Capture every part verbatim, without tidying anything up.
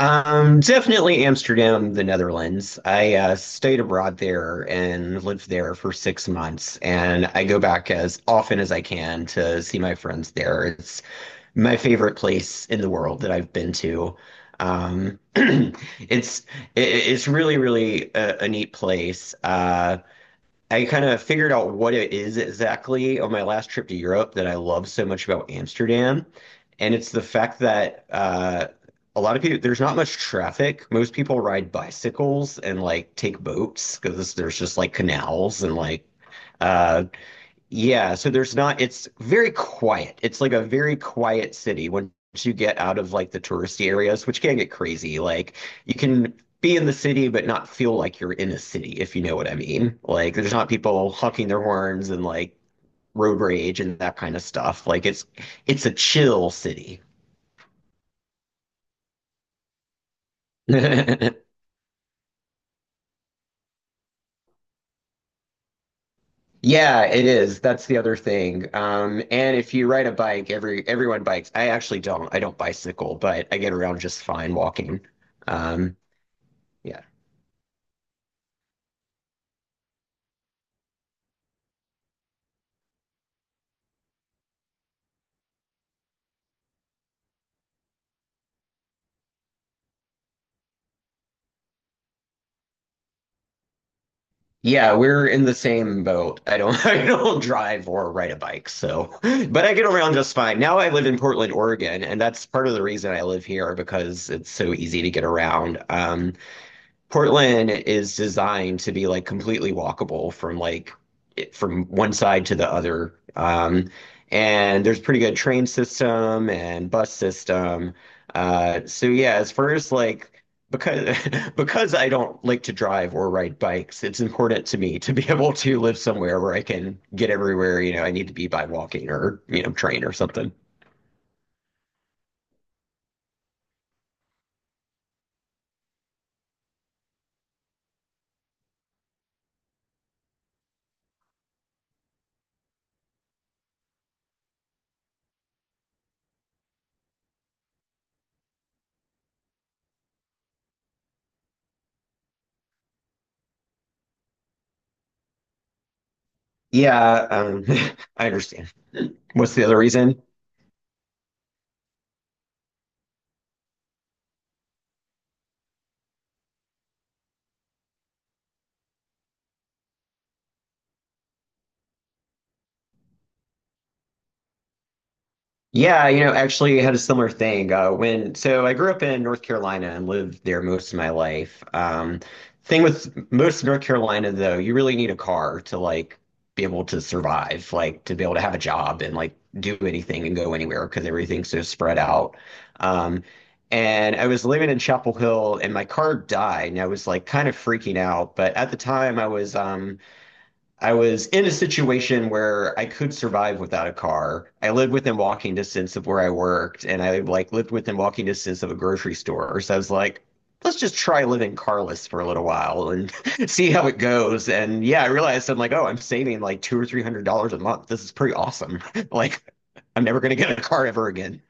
Um, definitely Amsterdam, the Netherlands. I uh, stayed abroad there and lived there for six months, and I go back as often as I can to see my friends there. It's my favorite place in the world that I've been to. Um, it's it, it's really, really a, a neat place. Uh, I kind of figured out what it is exactly on my last trip to Europe that I love so much about Amsterdam. And it's the fact that uh, a lot of people, there's not much traffic. Most people ride bicycles and like take boats because there's just like canals and like uh, yeah, so there's not, it's very quiet. It's like a very quiet city once you get out of like the touristy areas, which can get crazy. Like you can be in the city but not feel like you're in a city, if you know what I mean. Like there's not people honking their horns and like road rage and that kind of stuff. Like it's it's a chill city. Yeah, it is. That's the other thing. Um, and if you ride a bike, every everyone bikes. I actually don't. I don't bicycle, but I get around just fine walking. Um, Yeah. Yeah, we're in the same boat. I don't I don't drive or ride a bike, so but I get around just fine. Now I live in Portland, Oregon, and that's part of the reason I live here because it's so easy to get around. Um, Portland is designed to be like completely walkable from like it- from one side to the other. Um, and there's pretty good train system and bus system. Uh, so yeah, as far as like because because I don't like to drive or ride bikes, it's important to me to be able to live somewhere where I can get everywhere, you know, I need to be by walking or, you know, train or something. Yeah, um, I understand. What's the other reason? Yeah, you know, actually had a similar thing. Uh, when so I grew up in North Carolina and lived there most of my life. Um, thing with most of North Carolina though, you really need a car to like be able to survive, like to be able to have a job and like do anything and go anywhere because everything's so spread out. Um, and I was living in Chapel Hill and my car died and I was like kind of freaking out. But at the time I was um I was in a situation where I could survive without a car. I lived within walking distance of where I worked, and I like lived within walking distance of a grocery store. So I was like, let's just try living carless for a little while and see how it goes. And yeah, I realized I'm like, oh, I'm saving like two or three hundred dollars a month. This is pretty awesome. Like, I'm never gonna get a car ever again.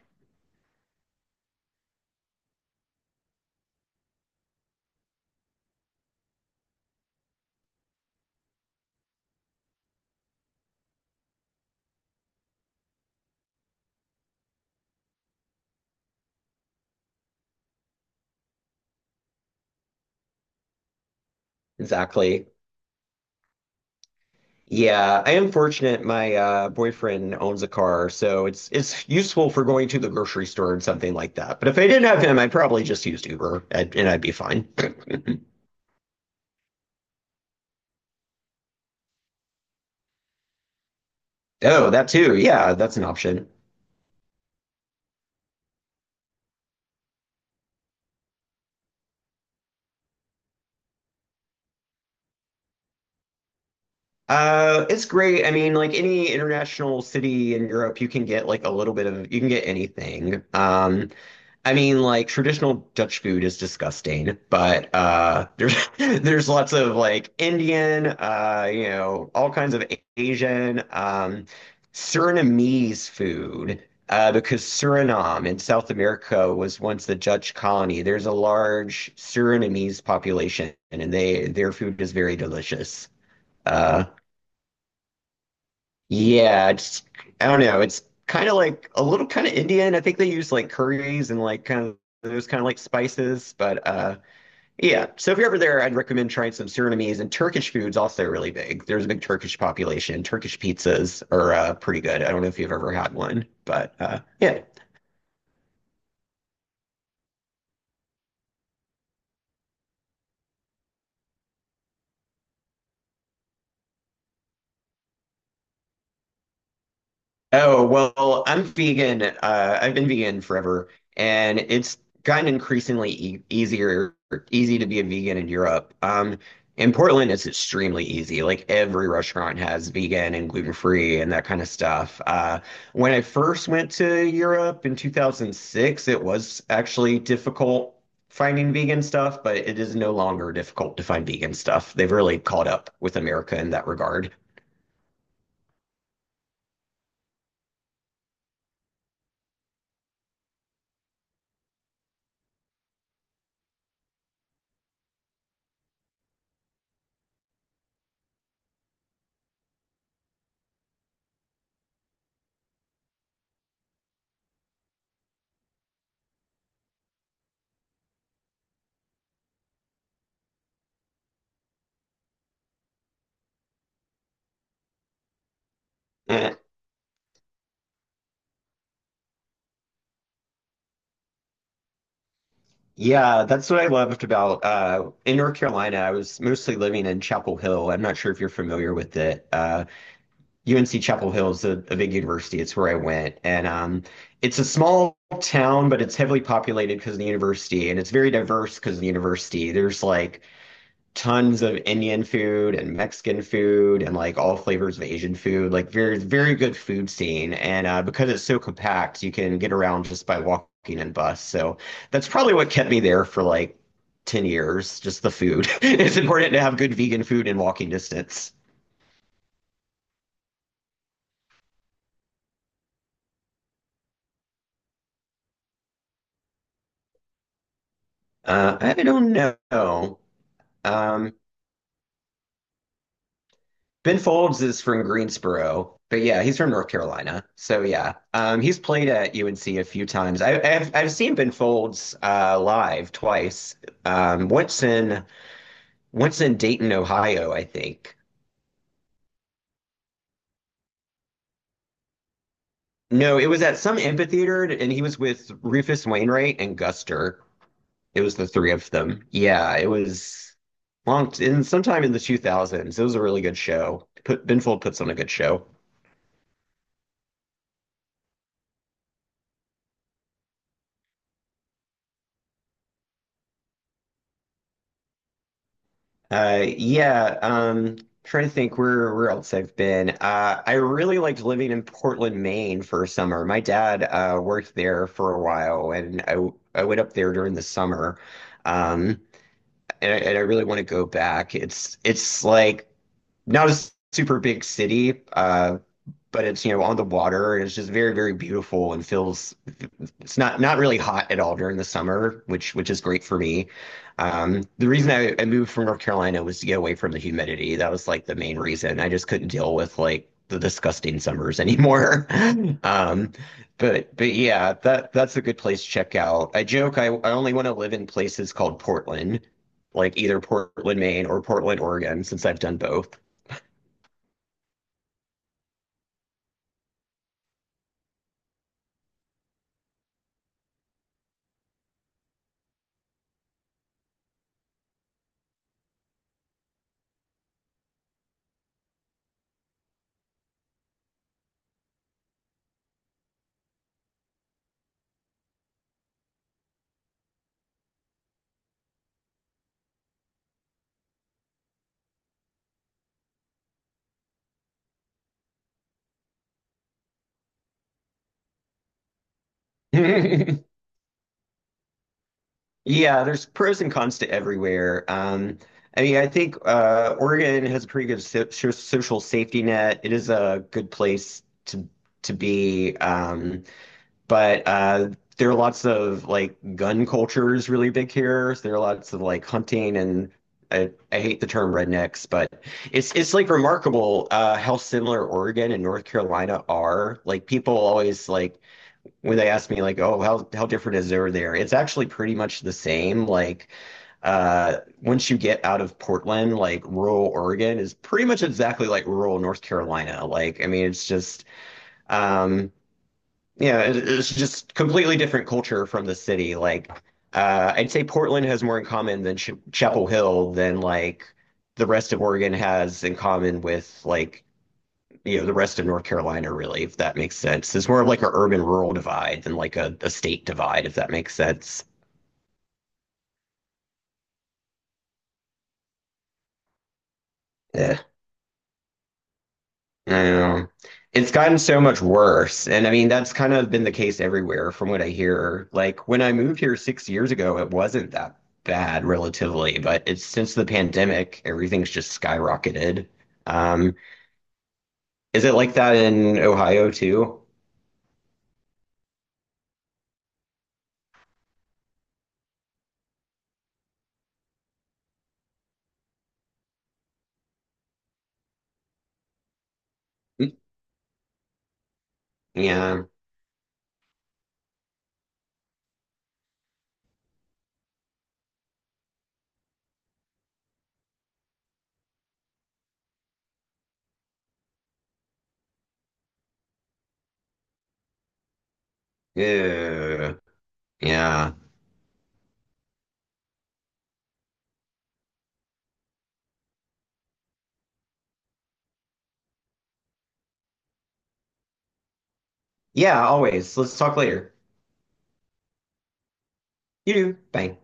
Exactly. Yeah, I am fortunate. My uh, boyfriend owns a car, so it's it's useful for going to the grocery store and something like that. But if I didn't have him, I'd probably just use Uber and, and I'd be fine. Oh, that too. Yeah, that's an option. Uh, it's great. I mean, like any international city in Europe, you can get like a little bit of you can get anything. Um, I mean, like traditional Dutch food is disgusting, but uh, there's there's lots of like Indian, uh, you know, all kinds of Asian, um, Surinamese food, uh, because Suriname in South America was once the Dutch colony. There's a large Surinamese population, and they their food is very delicious. Uh, yeah, it's I don't know. It's kind of like a little kind of Indian. I think they use like curries and like kind of those kind of like spices. But uh yeah, so if you're ever there, I'd recommend trying some Surinamese and Turkish food's also really big. There's a big Turkish population. Turkish pizzas are uh, pretty good. I don't know if you've ever had one, but uh yeah. Oh, well, I'm vegan. Uh, I've been vegan forever, and it's gotten increasingly e easier, easy to be a vegan in Europe. Um, in Portland, it's extremely easy. Like every restaurant has vegan and gluten-free and that kind of stuff. Uh, when I first went to Europe in two thousand six, it was actually difficult finding vegan stuff, but it is no longer difficult to find vegan stuff. They've really caught up with America in that regard. Eh, Yeah, that's what I loved about uh, in North Carolina. I was mostly living in Chapel Hill. I'm not sure if you're familiar with it. Uh, U N C Chapel Hill is a, a big university. It's where I went, and um, it's a small town, but it's heavily populated because of the university, and it's very diverse because of the university. There's like tons of Indian food and Mexican food and like all flavors of Asian food. Like very very good food scene. And uh, because it's so compact, you can get around just by walking and bus. So that's probably what kept me there for like ten years, just the food. It's important to have good vegan food in walking distance. Uh, I don't know. Um, Ben Folds is from Greensboro, but yeah, he's from North Carolina. So yeah, um, he's played at U N C a few times. I, I've I've seen Ben Folds uh, live twice. Um, once in once in Dayton, Ohio, I think. No, it was at some amphitheater, and he was with Rufus Wainwright and Guster. It was the three of them. Yeah, it was long in sometime in the two thousands. It was a really good show. Put, Ben Folds puts on a good show. Uh, yeah, um, trying to think where where else I've been. Uh, I really liked living in Portland, Maine for a summer. My dad uh, worked there for a while, and I w- I went up there during the summer. Um, and I, and I really want to go back. It's it's like not a s- super big city, uh, but it's you know on the water, and it's just very very beautiful and feels it's not not really hot at all during the summer, which which is great for me. Um, the reason I, I moved from North Carolina was to get away from the humidity. That was like the main reason. I just couldn't deal with like the disgusting summers anymore. Um, but but yeah, that that's a good place to check out. I joke I, I only want to live in places called Portland, like either Portland, Maine or Portland, Oregon, since I've done both. Yeah, there's pros and cons to everywhere. Um, I mean, I think uh, Oregon has a pretty good so so- social safety net. It is a good place to to be, um, but uh, there are lots of like gun culture is really big here. So there are lots of like hunting and I, I hate the term rednecks, but it's it's like remarkable uh, how similar Oregon and North Carolina are. Like people always like when they ask me like, oh, how how different is over there? It's actually pretty much the same. Like, uh, once you get out of Portland, like rural Oregon is pretty much exactly like rural North Carolina. Like, I mean, it's just, um, yeah, it, it's just completely different culture from the city. Like, uh, I'd say Portland has more in common than Ch Chapel Hill than like the rest of Oregon has in common with like you know the rest of North Carolina, really, if that makes sense. It's more of like an urban-rural divide than like a, a state divide, if that makes sense. Yeah, I don't know. It's gotten so much worse, and I mean that's kind of been the case everywhere, from what I hear. Like when I moved here six years ago, it wasn't that bad relatively, but it's since the pandemic, everything's just skyrocketed. Um, is it like that in Ohio too? Yeah. Yeah. Yeah. Yeah, always. Let's talk later. You do. Bye.